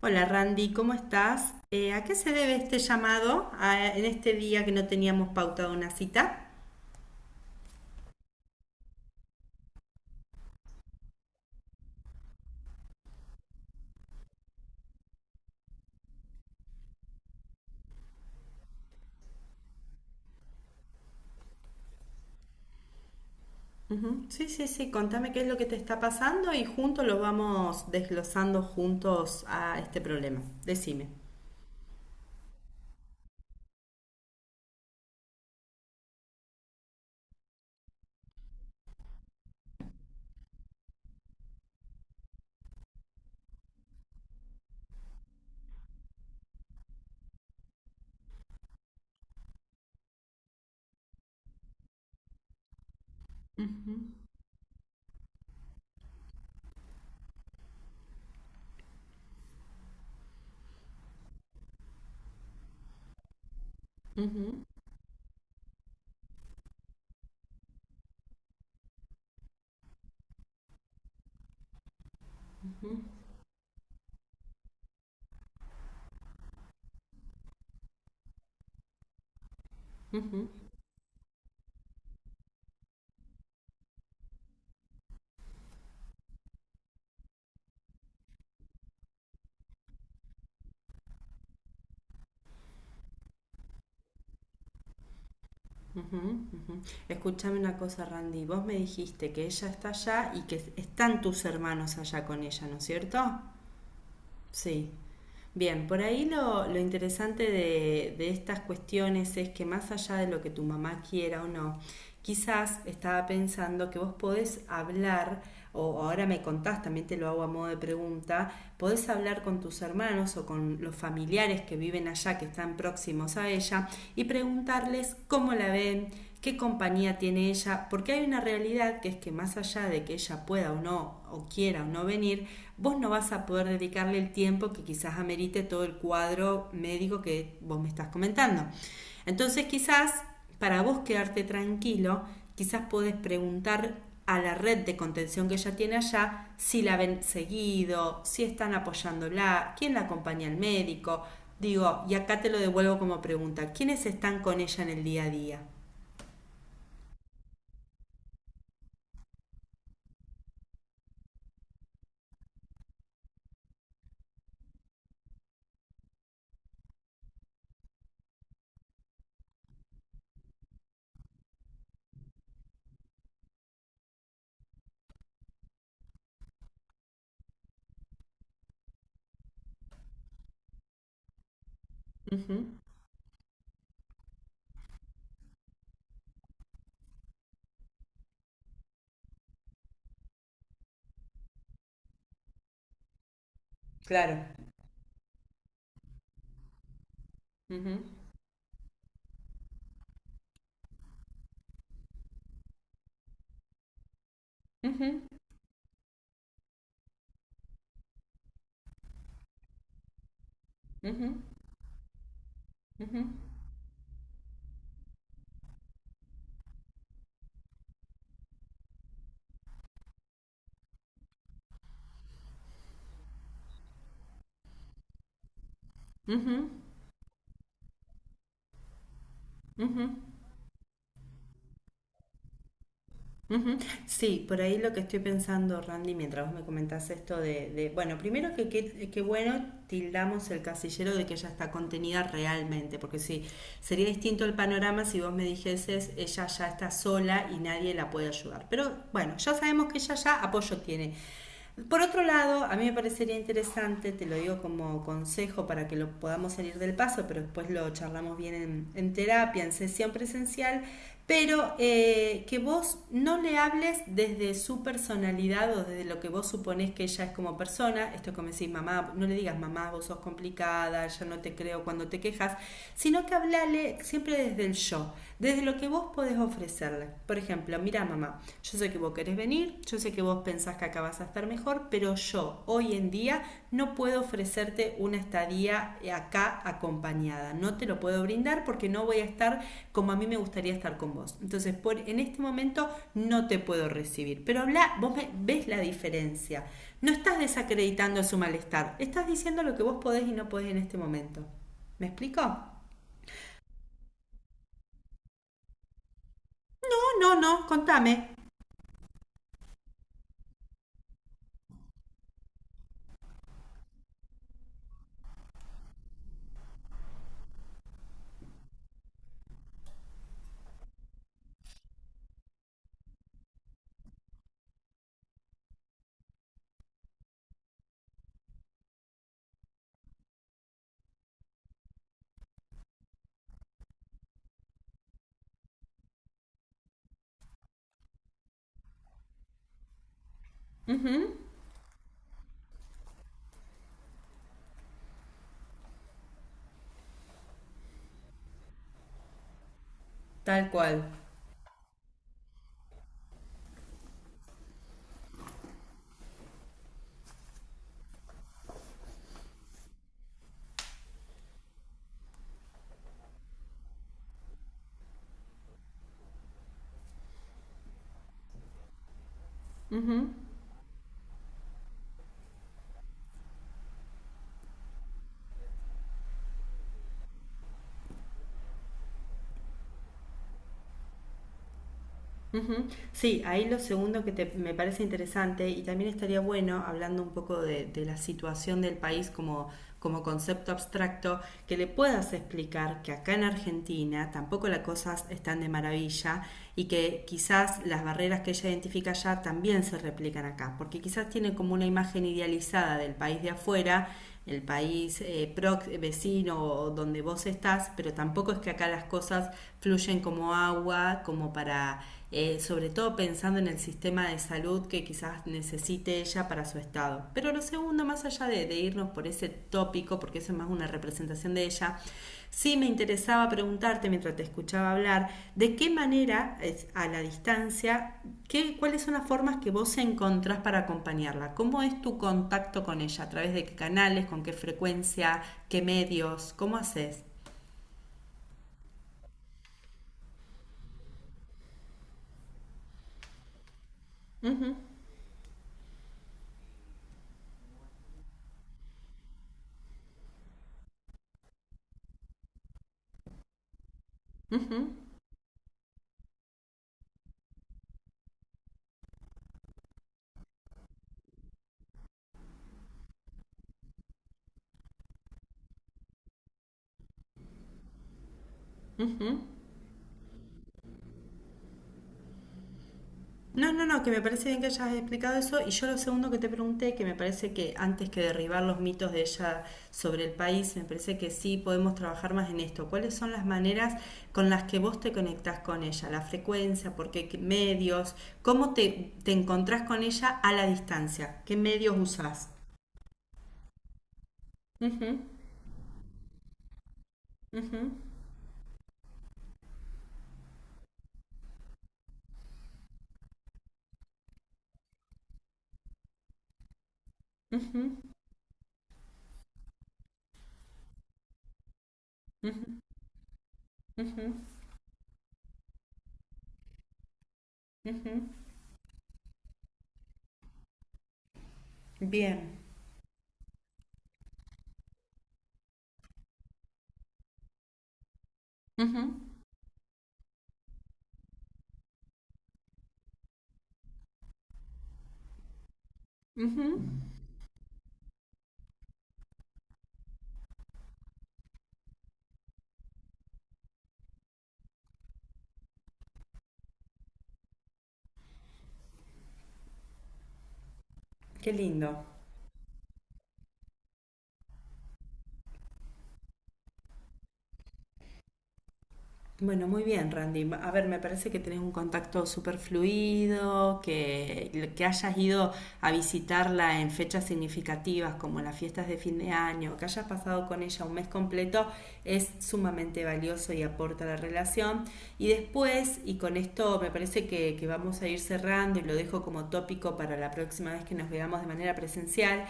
Hola Randy, ¿cómo estás? ¿A qué se debe este llamado en este día que no teníamos pautado una cita? Ujú. Sí, sí, sí, contame qué es lo que te está pasando y juntos lo vamos desglosando juntos a este problema. Decime. Ujú, ujú, ujú, ujú. Escúchame una cosa, Randy. Vos me dijiste que ella está allá y que están tus hermanos allá con ella, ¿no es cierto? Sí. Bien, por ahí lo interesante de estas cuestiones es que más allá de lo que tu mamá quiera o no, quizás estaba pensando que vos podés hablar, o ahora me contás, también te lo hago a modo de pregunta, podés hablar con tus hermanos o con los familiares que viven allá, que están próximos a ella, y preguntarles cómo la ven, qué compañía tiene ella, porque hay una realidad que es que más allá de que ella pueda o no, o quiera o no venir, vos no vas a poder dedicarle el tiempo que quizás amerite todo el cuadro médico que vos me estás comentando. Entonces quizás para vos quedarte tranquilo, quizás podés preguntar a la red de contención que ella tiene allá si la ven seguido, si están apoyándola, quién la acompaña al médico. Digo, y acá te lo devuelvo como pregunta, ¿quiénes están con ella en el día a día? Ujú. Claro. Ujú, ujú, ujú, ujú. Sí, por ahí lo que estoy pensando, Randy, mientras vos me comentás esto de, bueno, primero que bueno, tildamos el casillero de que ella está contenida realmente, porque sí, sería distinto el panorama si vos me dijeses, ella ya está sola y nadie la puede ayudar. Pero bueno, ya sabemos que ella ya apoyo tiene. Por otro lado, a mí me parecería interesante, te lo digo como consejo para que lo podamos salir del paso, pero después lo charlamos bien en terapia, en sesión presencial, pero que vos no le hables desde su personalidad o desde lo que vos suponés que ella es como persona, esto es como decís, mamá, no le digas, mamá, vos sos complicada, ya no te creo cuando te quejas, sino que hablale siempre desde el yo, desde lo que vos podés ofrecerle. Por ejemplo, mira mamá, yo sé que vos querés venir, yo sé que vos pensás que acá vas a estar mejor, pero yo hoy en día no puedo ofrecerte una estadía acá acompañada, no te lo puedo brindar porque no voy a estar como a mí me gustaría estar con vos. Entonces, en este momento no te puedo recibir, pero habla, vos ves la diferencia, no estás desacreditando su malestar, estás diciendo lo que vos podés y no podés en este momento. ¿Me explico? No, no, no, contame. Tal cual. Ujú. Sí, ahí lo segundo que me parece interesante y también estaría bueno, hablando un poco de la situación del país como, como concepto abstracto, que le puedas explicar que acá en Argentina tampoco las cosas están de maravilla y que quizás las barreras que ella identifica allá también se replican acá, porque quizás tiene como una imagen idealizada del país de afuera, el país vecino o donde vos estás, pero tampoco es que acá las cosas fluyen como agua, como para sobre todo pensando en el sistema de salud que quizás necesite ella para su estado. Pero lo segundo, más allá de irnos por ese tópico, porque eso es más una representación de ella, sí me interesaba preguntarte mientras te escuchaba hablar, de qué manera, a la distancia, cuáles son las formas que vos encontrás para acompañarla, cómo es tu contacto con ella, a través de qué canales, con qué frecuencia, qué medios, cómo haces. No, no, no, que me parece bien que hayas explicado eso. Y yo lo segundo que te pregunté, que me parece que antes que derribar los mitos de ella sobre el país, me parece que sí podemos trabajar más en esto. ¿Cuáles son las maneras con las que vos te conectás con ella? La frecuencia, por qué medios, cómo te encontrás con ella a la distancia, qué medios usás. Ujú, ujú. Bien. Ujú, ujú. Qué lindo. Bueno, muy bien, Randy. A ver, me parece que tenés un contacto súper fluido, que hayas ido a visitarla en fechas significativas como las fiestas de fin de año, que hayas pasado con ella un mes completo, es sumamente valioso y aporta a la relación. Y después, y con esto me parece que vamos a ir cerrando y lo dejo como tópico para la próxima vez que nos veamos de manera presencial,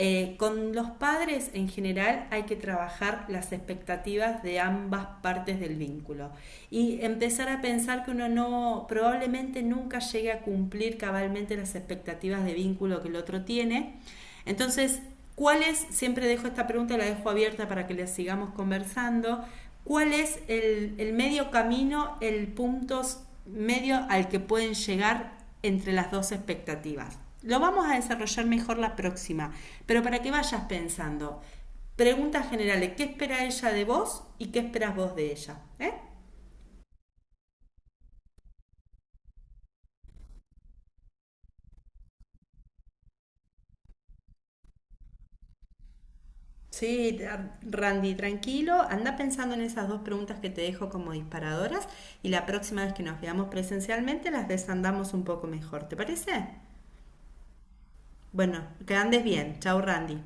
con los padres en general hay que trabajar las expectativas de ambas partes del vínculo y empezar a pensar que uno no probablemente nunca llegue a cumplir cabalmente las expectativas de vínculo que el otro tiene. Entonces, ¿cuáles? Siempre dejo esta pregunta, la dejo abierta para que les sigamos conversando. ¿Cuál es el medio camino, el punto medio al que pueden llegar entre las dos expectativas? Lo vamos a desarrollar mejor la próxima, pero para que vayas pensando, preguntas generales, ¿qué espera ella de vos y qué esperas vos de ella? ¿Eh? Sí, Randy, tranquilo, anda pensando en esas dos preguntas que te dejo como disparadoras y la próxima vez que nos veamos presencialmente las desandamos un poco mejor, ¿te parece? Bueno, que andes bien, chao Randy.